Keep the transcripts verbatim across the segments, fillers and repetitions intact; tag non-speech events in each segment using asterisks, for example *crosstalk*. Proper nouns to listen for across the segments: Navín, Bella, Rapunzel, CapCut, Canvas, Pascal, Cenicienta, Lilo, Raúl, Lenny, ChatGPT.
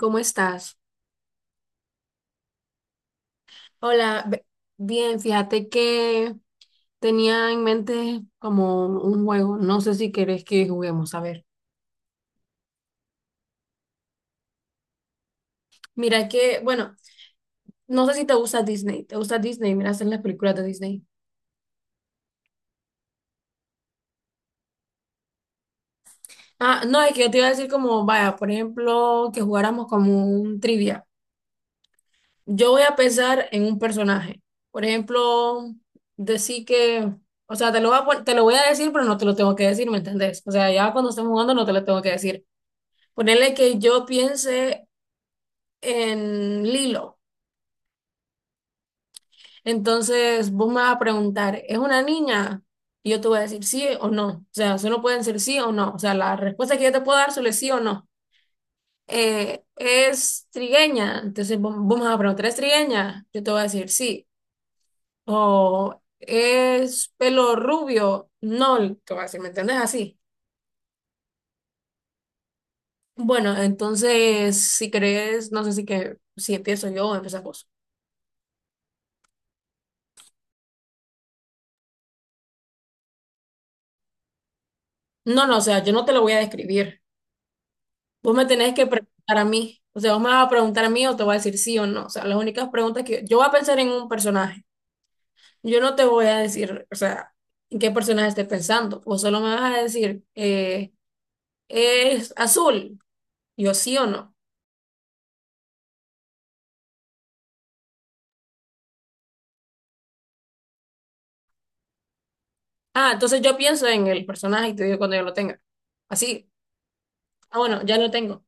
¿Cómo estás? Hola, be- bien, fíjate que tenía en mente como un juego, no sé si querés que juguemos, a ver. Mira que, bueno, no sé si te gusta Disney, ¿te gusta Disney? Mira, hacen las películas de Disney. Ah, no, es que yo te iba a decir como, vaya, por ejemplo, que jugáramos como un trivia. Yo voy a pensar en un personaje. Por ejemplo, decir que, o sea, te lo voy a, pon- te lo voy a decir, pero no te lo tengo que decir, ¿me entendés? O sea, ya cuando estemos jugando no te lo tengo que decir. Ponerle que yo piense en Lilo. Entonces vos me vas a preguntar, ¿es una niña? Y yo te voy a decir sí o no. O sea, solo pueden ser sí o no. O sea, la respuesta que yo te puedo dar solo es sí o no. Eh, ¿es trigueña? Entonces vos, vos me vas a preguntar, ¿es trigueña? Yo te voy a decir sí. O ¿es pelo rubio? No, te voy a decir, ¿me entendés? Así. Bueno, entonces, si crees, no sé si que si empiezo yo o empezás vos. No, no, o sea, yo no te lo voy a describir. Vos me tenés que preguntar a mí. O sea, vos me vas a preguntar a mí o te voy a decir sí o no. O sea, las únicas preguntas que yo voy a pensar en un personaje. Yo no te voy a decir, o sea, en qué personaje estés pensando. Vos solo me vas a decir, eh, es azul. Yo sí o no. Ah, entonces yo pienso en el personaje y te digo cuando yo lo tenga. Así. Ah, bueno, ya lo tengo.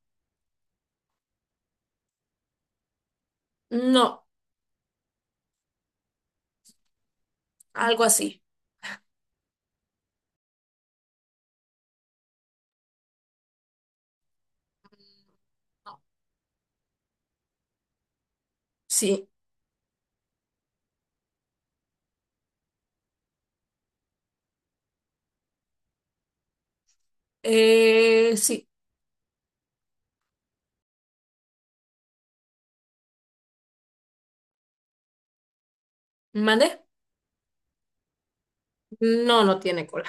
No, algo así. Sí. Eh, sí. ¿Mandé? No, no tiene cola.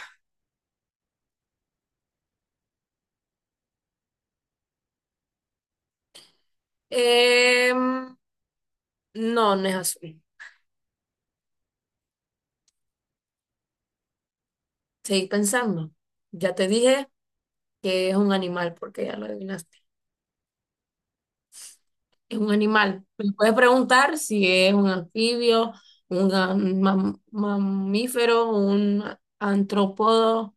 Em, no, no es azul. Seguir pensando. Ya te dije que es un animal, porque ya lo adivinaste. Es un animal. Me puedes preguntar si es un anfibio, un gan- mam- mamífero, un antrópodo,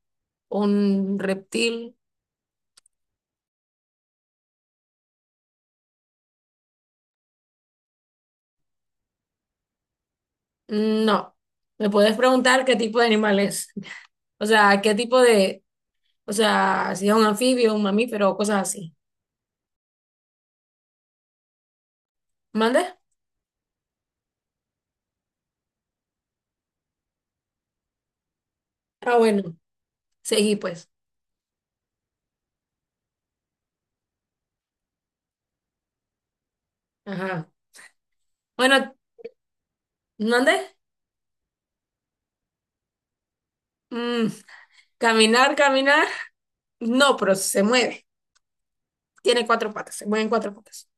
un reptil. No. Me puedes preguntar qué tipo de animal es. O sea, qué tipo de, o sea, si es un anfibio, un mamífero o cosas así. ¿Mande? Ah, bueno. Seguí pues. Ajá. Bueno, ¿mande? Mm, caminar, caminar. No, pero se mueve. Tiene cuatro patas, se mueven cuatro patas.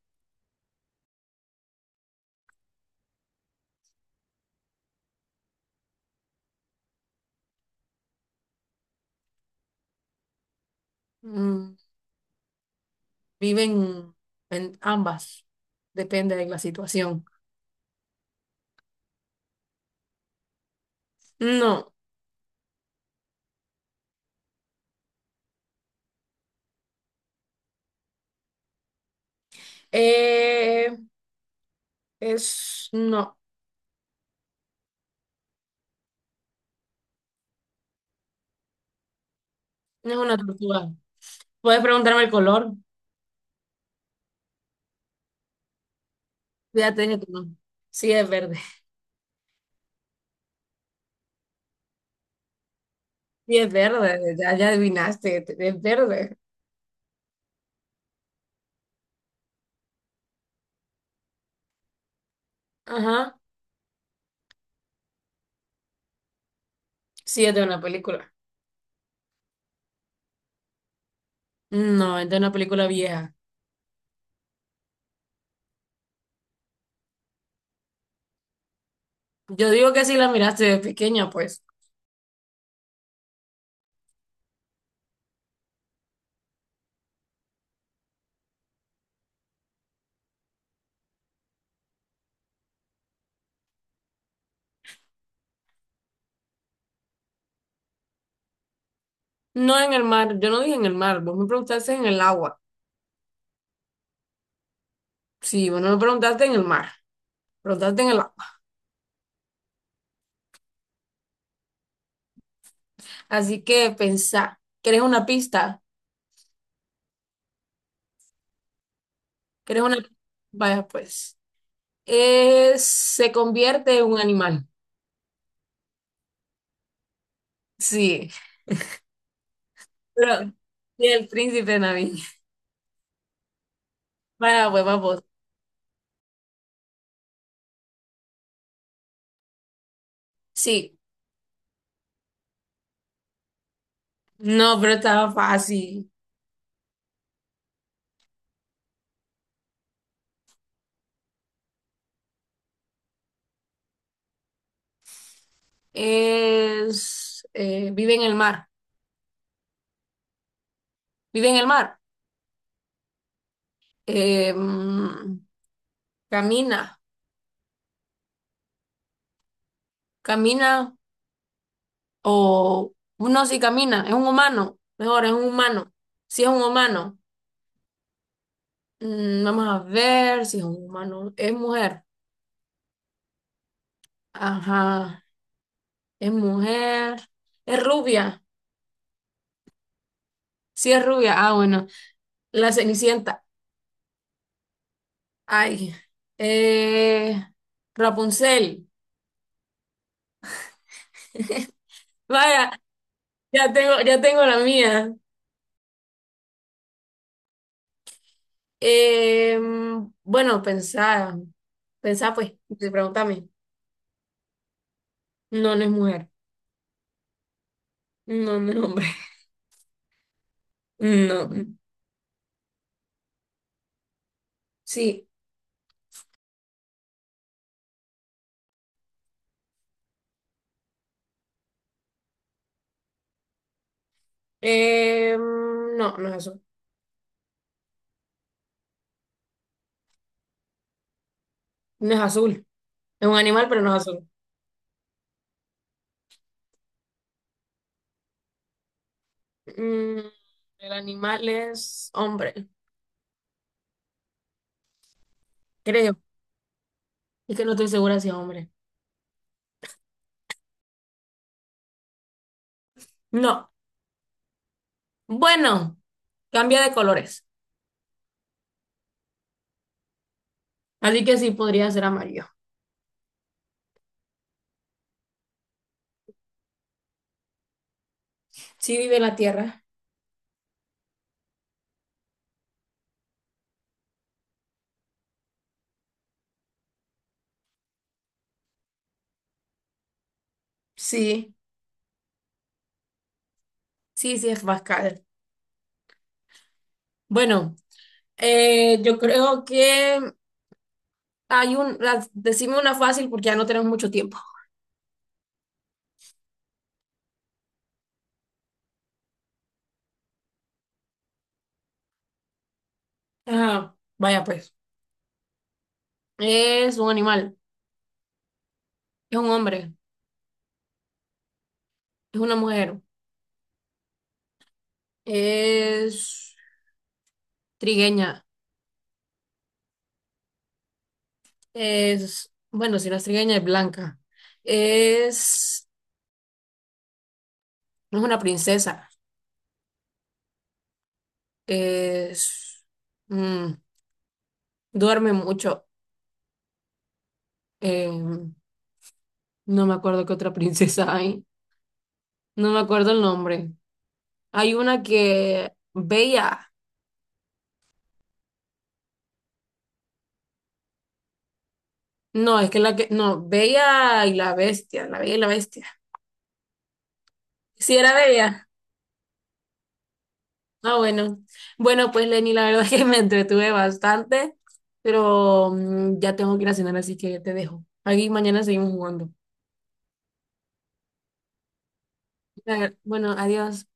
Mm, viven en ambas, depende de la situación. No, eh, es, no, no es una tortuga. Puedes preguntarme el color, ya te que no. Sí, es verde. Sí, es verde, ya, ya adivinaste, es verde. Ajá, sí, es de una película. No, es de una película vieja. Yo digo que si la miraste de pequeña, pues. No en el mar, yo no dije en el mar, vos me preguntaste en el agua. Sí, bueno, me preguntaste en el mar, preguntaste en el agua. Así que pensá, ¿quieres una pista? ¿Quieres una? Vaya, pues. Eh, se convierte en un animal. Sí, pero sí, el príncipe Navín. Vaya, pues, vamos. Sí, no, pero estaba fácil. Es, eh, vive en el mar, vive en el mar. Eh, mm, camina, camina, o no, sí camina, es un humano, mejor, es un humano. Si es un humano. Mm, Vamos a ver si es un humano. Es mujer. Ajá. Es mujer. Es rubia. Sí, es rubia. Ah, bueno. La Cenicienta. Ay. Eh, Rapunzel. *laughs* Vaya, ya tengo, ya tengo la mía. Eh, bueno, pensá. Pensá, pues. Pregúntame. No, no es mujer. No, no es hombre. *laughs* No. Sí. Eh, no, no es azul. No es azul. Es un animal, pero no es azul. Mm, el animal es hombre, creo. Es que no estoy segura si es hombre. No. Bueno, cambia de colores. Así que sí podría ser amarillo. Sí vive en la tierra. Sí, sí, sí es Pascal. Bueno, eh, yo creo que hay un. la- Decime una fácil porque ya no tenemos mucho tiempo. Ajá, vaya pues. Es un animal. Es un hombre. Es una mujer. Es trigueña. Es, bueno, si no es trigueña es blanca. Es, no es una princesa. Es, mm, duerme mucho. Eh, no me acuerdo qué otra princesa hay. No me acuerdo el nombre. Hay una que, Bella. No, es que la que, no, Bella y la Bestia. La Bella y la Bestia. Sí, era Bella. Ah, bueno. Bueno, pues Lenny, la verdad *laughs* es que me entretuve bastante, pero mm, ya tengo que ir a cenar, así que te dejo. Aquí mañana seguimos jugando. Claro, Bueno, adiós.